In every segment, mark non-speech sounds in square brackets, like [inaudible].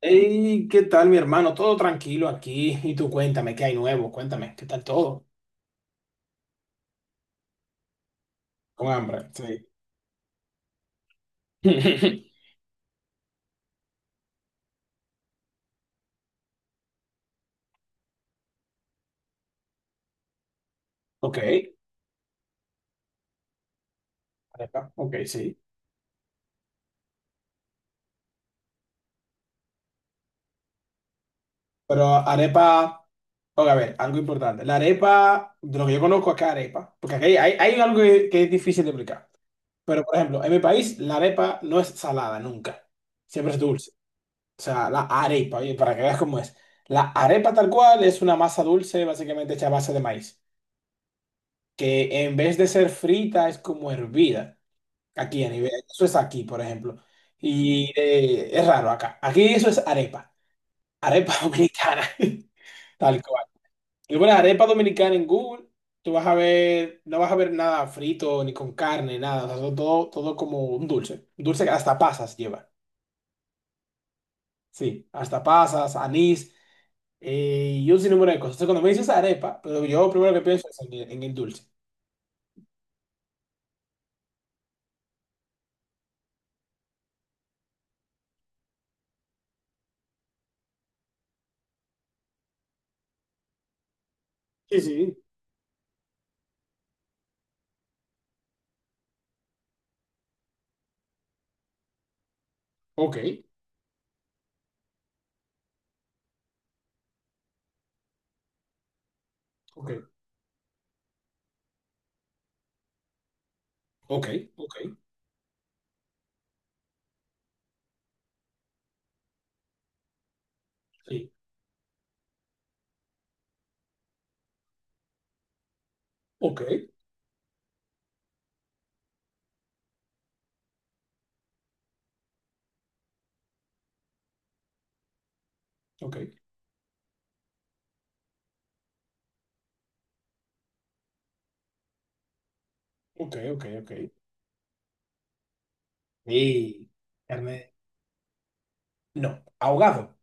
Hey, ¿qué tal, mi hermano? Todo tranquilo aquí. Y tú cuéntame, ¿qué hay nuevo? Cuéntame, ¿qué tal todo? Con hambre, sí. [laughs] Ok, arepa, ok, sí. Pero arepa, ok, a ver, algo importante. La arepa, de lo que yo conozco acá, arepa, porque aquí hay algo que es difícil de explicar. Pero, por ejemplo, en mi país, la arepa no es salada nunca. Siempre es dulce. O sea, la arepa, oye, para que veas cómo es. La arepa tal cual es una masa dulce, básicamente hecha a base de maíz, que en vez de ser frita es como hervida. Aquí a nivel, eso es aquí, por ejemplo. Y es raro acá. Aquí eso es arepa, arepa [laughs] dominicana, [laughs] tal cual. Y bueno, arepa dominicana en Google, tú vas a ver, no vas a ver nada frito ni con carne, nada, o sea, todo, todo como un dulce que hasta pasas lleva. Sí, hasta pasas, anís, y un sinnúmero de cosas. Entonces, cuando me dices arepa, pero yo primero que pienso es en el dulce. Sí, sí. Ok, ok, ok, ok. Sí. Ok, ok, ok, ok, ok. Y carne, no, ahogado,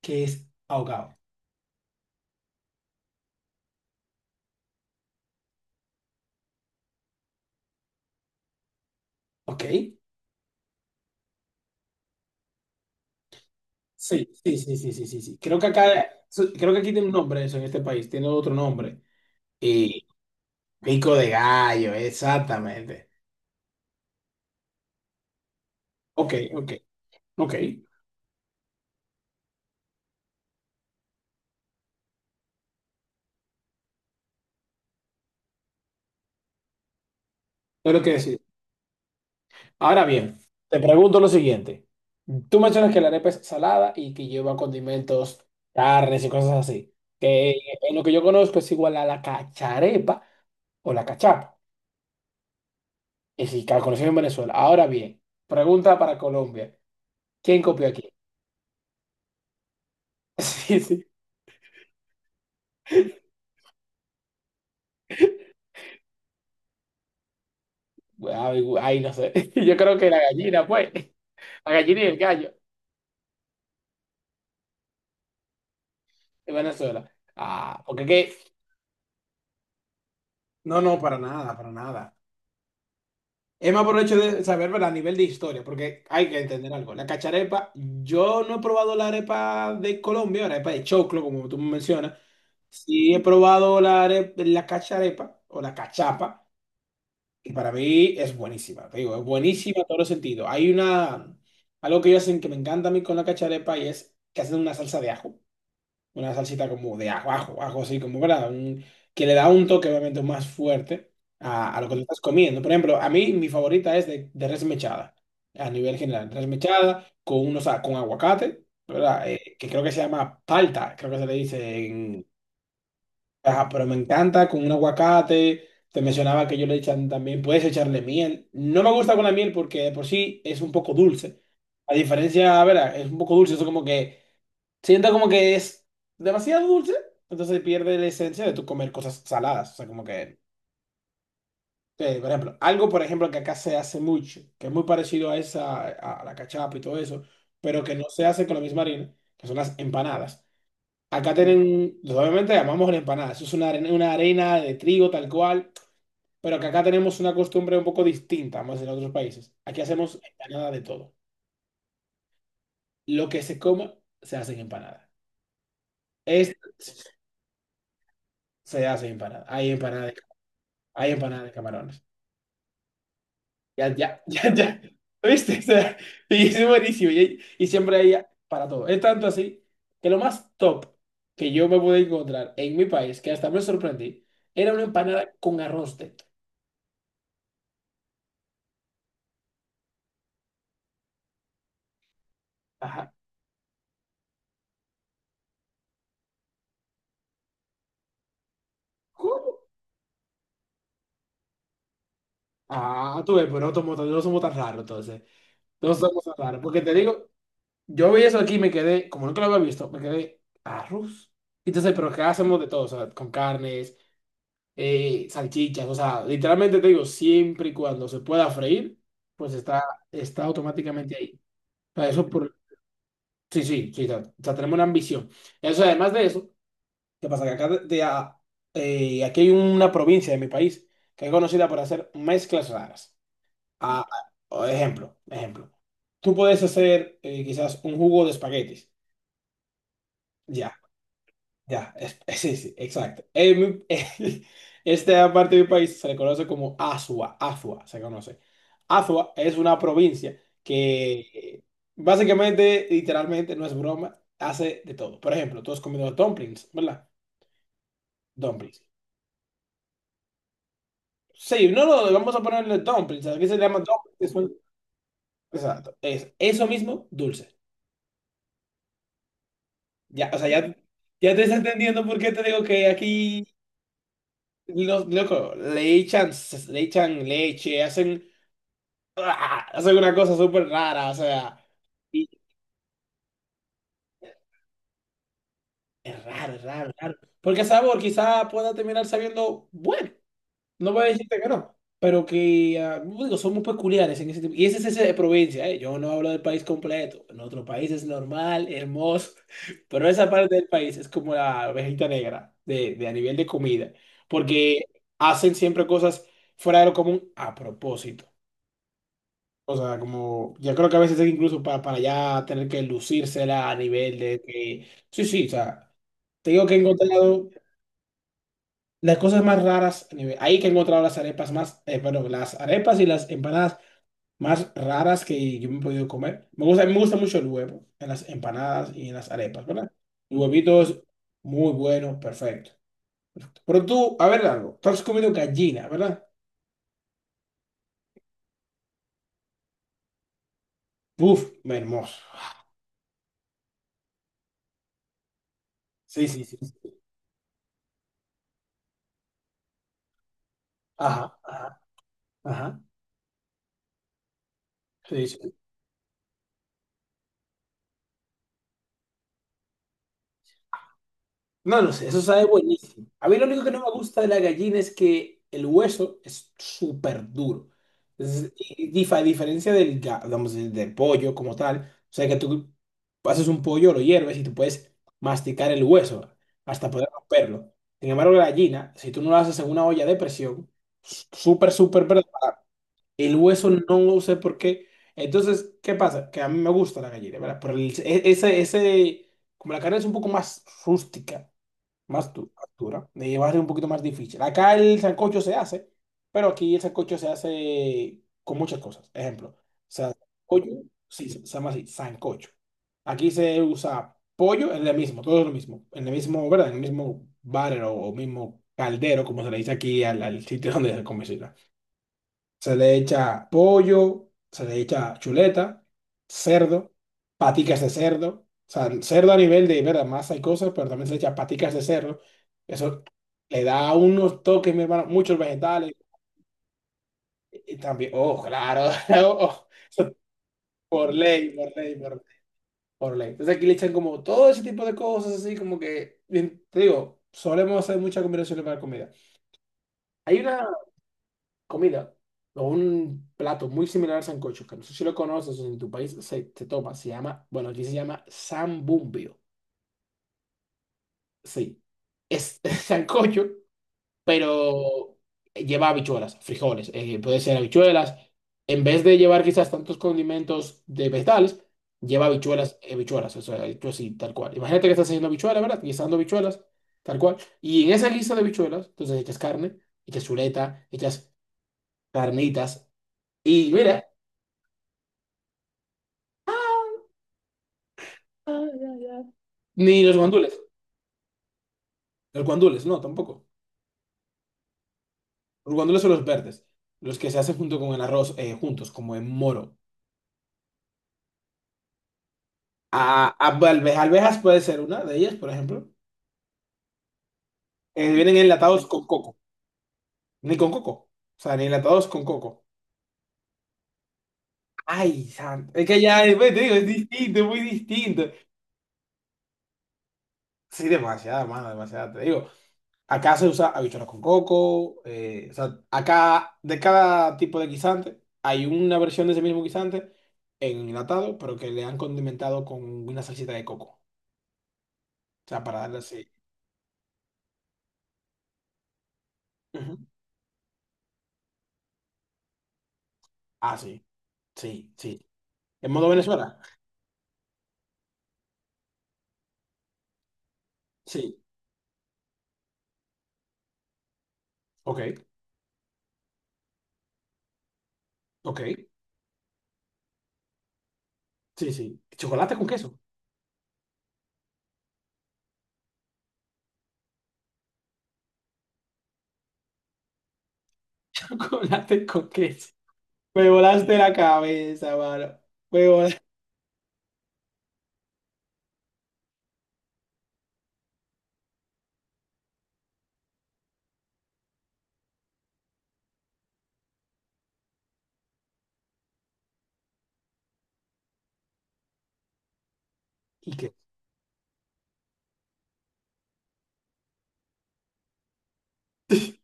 que es ahogado, ¿ok? Sí, sí, sí, sí, sí, sí, sí. Creo que acá, creo que aquí tiene un nombre eso en este país, tiene otro nombre. Y pico de gallo, exactamente. Ok, ok, ok. Es lo que decir. Ahora bien, te pregunto lo siguiente. Tú mencionas que la arepa es salada y que lleva condimentos, carnes y cosas así. Que en lo que yo conozco es igual a la cacharepa o la cachapa. Y sí, calculación en Venezuela. Ahora bien, pregunta para Colombia. ¿Quién copió aquí? [laughs] Sí, sí. Ay, ay, no sé. [laughs] Yo creo que la gallina, pues. La gallina y el gallo de Venezuela. Ah, porque qué. No, no, para nada, para nada. Es más por el hecho de saber, ¿verdad? A nivel de historia, porque hay que entender algo. La cacharepa, yo no he probado la arepa de Colombia, la arepa de choclo, como tú mencionas. Sí he probado la arepa, la cacharepa o la cachapa. Y para mí es buenísima, te digo, es buenísima en todos los sentidos. Hay una, algo que ellos hacen que me encanta a mí con la cacharepa y es que hacen una salsa de ajo, una salsita como de ajo, ajo, ajo, así como, ¿verdad? Que le da un toque obviamente más fuerte a lo que te estás comiendo. Por ejemplo, a mí mi favorita es de res mechada, a nivel general, res mechada con, unos, con aguacate, ¿verdad? Que creo que se llama palta, creo que se le dice. Ajá, pero me encanta con un aguacate. Te mencionaba que yo le echan también, puedes echarle miel. No me gusta con la miel porque de por sí es un poco dulce. A diferencia, a ver, es un poco dulce, eso como que siento como que es demasiado dulce, entonces pierde la esencia de tu comer cosas saladas. O sea, como que, por ejemplo, algo, por ejemplo, que acá se hace mucho, que es muy parecido a esa, a la cachapa y todo eso, pero que no se hace con la misma harina, que son las empanadas. Acá tienen, obviamente llamamos la empanada, eso es una arena de trigo tal cual, pero que acá tenemos una costumbre un poco distinta, más en otros países. Aquí hacemos empanada de todo. Lo que se coma, se hace en empanada. Es, se hace en empanada. Hay empanada de camarones. Ya, ya, [laughs] ya, ya. ¿Viste? O sea, y es buenísimo. Y siempre hay para todo. Es tanto así que lo más top que yo me pude encontrar en mi país, que hasta me sorprendí, era una empanada con arroz dentro. Ajá. Ah, tú ves, pero no somos, tan- no somos tan raros entonces. No somos tan raros. Porque te digo, yo vi eso aquí y me quedé, como nunca lo había visto, me quedé arroz. Entonces, pero ¿qué hacemos de todo? O sea, con carnes, salchichas, o sea, literalmente te digo, siempre y cuando se pueda freír, pues está, está automáticamente ahí. O sea, eso por... Sí, sí, sí, o sea, tenemos una ambición. Eso, además de eso, ¿qué pasa? Que acá aquí hay una provincia de mi país que es conocida por hacer mezclas raras. Ah, ah, ejemplo, ejemplo. Tú puedes hacer quizás un jugo de espaguetis. Ya, ya, [laughs] sí, sí, exacto. [laughs] Esta parte del país se le conoce como Azua, Azua se conoce. Azua es una provincia que básicamente, literalmente, no es broma, hace de todo. Por ejemplo, tú has comido dumplings, ¿verdad? Dumplings. Sí, no, no, vamos a ponerle dumplings. Aquí se llama dumplings, que son... Exacto. Es eso mismo, dulce. Ya, o sea, ya, ya te está entendiendo por qué te digo que aquí, los, loco, le echan leche, hacen, ¡ah! Hacen una cosa súper rara, o sea, y es raro, es raro, es raro. Porque el sabor quizá pueda terminar sabiendo bueno, no voy a decirte que no, pero que ah, digo, somos peculiares en ese tipo. Y ese es ese de provincia, ¿eh? Yo no hablo del país completo. En otro país es normal, hermoso, [laughs] pero esa parte del país es como la ovejita negra de a nivel de comida, porque hacen siempre cosas fuera de lo común a propósito. O sea, como yo creo que a veces es incluso para ya tener que lucírsela a nivel de que, sí, sí, o sea, te digo que he encontrado las cosas más raras, ahí que he encontrado las arepas más, bueno, las arepas y las empanadas más raras que yo me he podido comer. Me gusta mucho el huevo en las empanadas y en las arepas, ¿verdad? El huevito es muy bueno, perfecto. Pero tú, a ver algo, tú has comido gallina, ¿verdad? Uf, hermoso. Sí, sí, sí. Ajá, ajá, ajá. Sí, sí. No lo sé, eso sabe buenísimo. A mí lo único que no me gusta de la gallina es que el hueso es súper duro. Y a diferencia del, vamos, del pollo como tal, o sea que tú haces un pollo, lo hierves y tú puedes masticar el hueso hasta poder romperlo. Sin embargo, la gallina, si tú no lo haces en una olla de presión, súper, súper preparada, el hueso no lo sé por qué. Entonces, ¿qué pasa? Que a mí me gusta la gallina, ¿verdad? Ese, ese, como la carne es un poco más rústica, más tu altura, dura, va a ser un poquito más difícil. Acá el sancocho se hace, pero aquí el sancocho se hace con muchas cosas. Ejemplo, o sea, pollo, sí, se llama así, sancocho. Aquí se usa pollo, es lo mismo, todo es lo mismo, en el mismo, ¿verdad? En el mismo barrel o mismo caldero, como se le dice aquí al, al sitio [laughs] donde se cocina se le echa pollo, se le echa chuleta, cerdo, paticas de cerdo. O sea, el cerdo a nivel de, ¿verdad? Masa y cosas, pero también se le echa paticas de cerdo. Eso le da unos toques, mi hermano, muchos vegetales. Y también, oh, claro, [laughs] oh, por ley, por ley, por, ley, por ley. Entonces aquí le echan como todo ese tipo de cosas así, como que, bien, te digo, solemos hacer muchas combinaciones para comida. Hay una, comida o un plato muy similar al sancocho, que no sé si lo conoces o si en tu país se toma, se llama, bueno, aquí se llama sambumbio. Sí, es [laughs] sancocho, pero lleva habichuelas, frijoles, puede ser habichuelas. En vez de llevar quizás tantos condimentos de vegetales, lleva habichuelas, habichuelas, o sea, hecho así, tal cual. Imagínate que estás haciendo habichuelas, ¿verdad? Guisando habichuelas, tal cual. Y en esa guisa de habichuelas, entonces echas carne, echas chuleta, echas carnitas. Y mira, ah, ya, ya. Ni los guandules. Los guandules, no, tampoco. Los guandules son los verdes, los que se hacen junto con el arroz, juntos, como en moro. A, alvejas puede ser una de ellas, por ejemplo. Vienen enlatados con coco. Ni con coco. O sea, ni enlatados con coco. Ay, santo. Es que ya, te digo, es distinto, es muy distinto. Sí, demasiada, mano, demasiada, te digo. Acá se usa habichuelas con coco, o sea, acá de cada tipo de guisante hay una versión de ese mismo guisante en enlatado, pero que le han condimentado con una salsita de coco. O sea, para darle así. Ujú. Ah, sí, sí, sí. ¿En modo Venezuela? Sí, ok, ok, sí, sí. ¿Chocolate con queso? [laughs] Chocolate con queso. Me volaste la cabeza, mano. Me volaste. ¿Y qué? [laughs]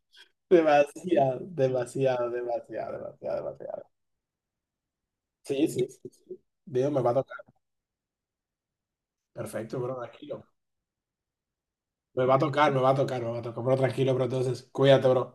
Demasiado, demasiado, demasiado, demasiado, demasiado. Sí, sí, sí, sí. Dios, me va a tocar. Perfecto, bro, tranquilo. Me va a tocar, me va a tocar, me va a tocar, bro, tranquilo, bro. Entonces, cuídate, bro.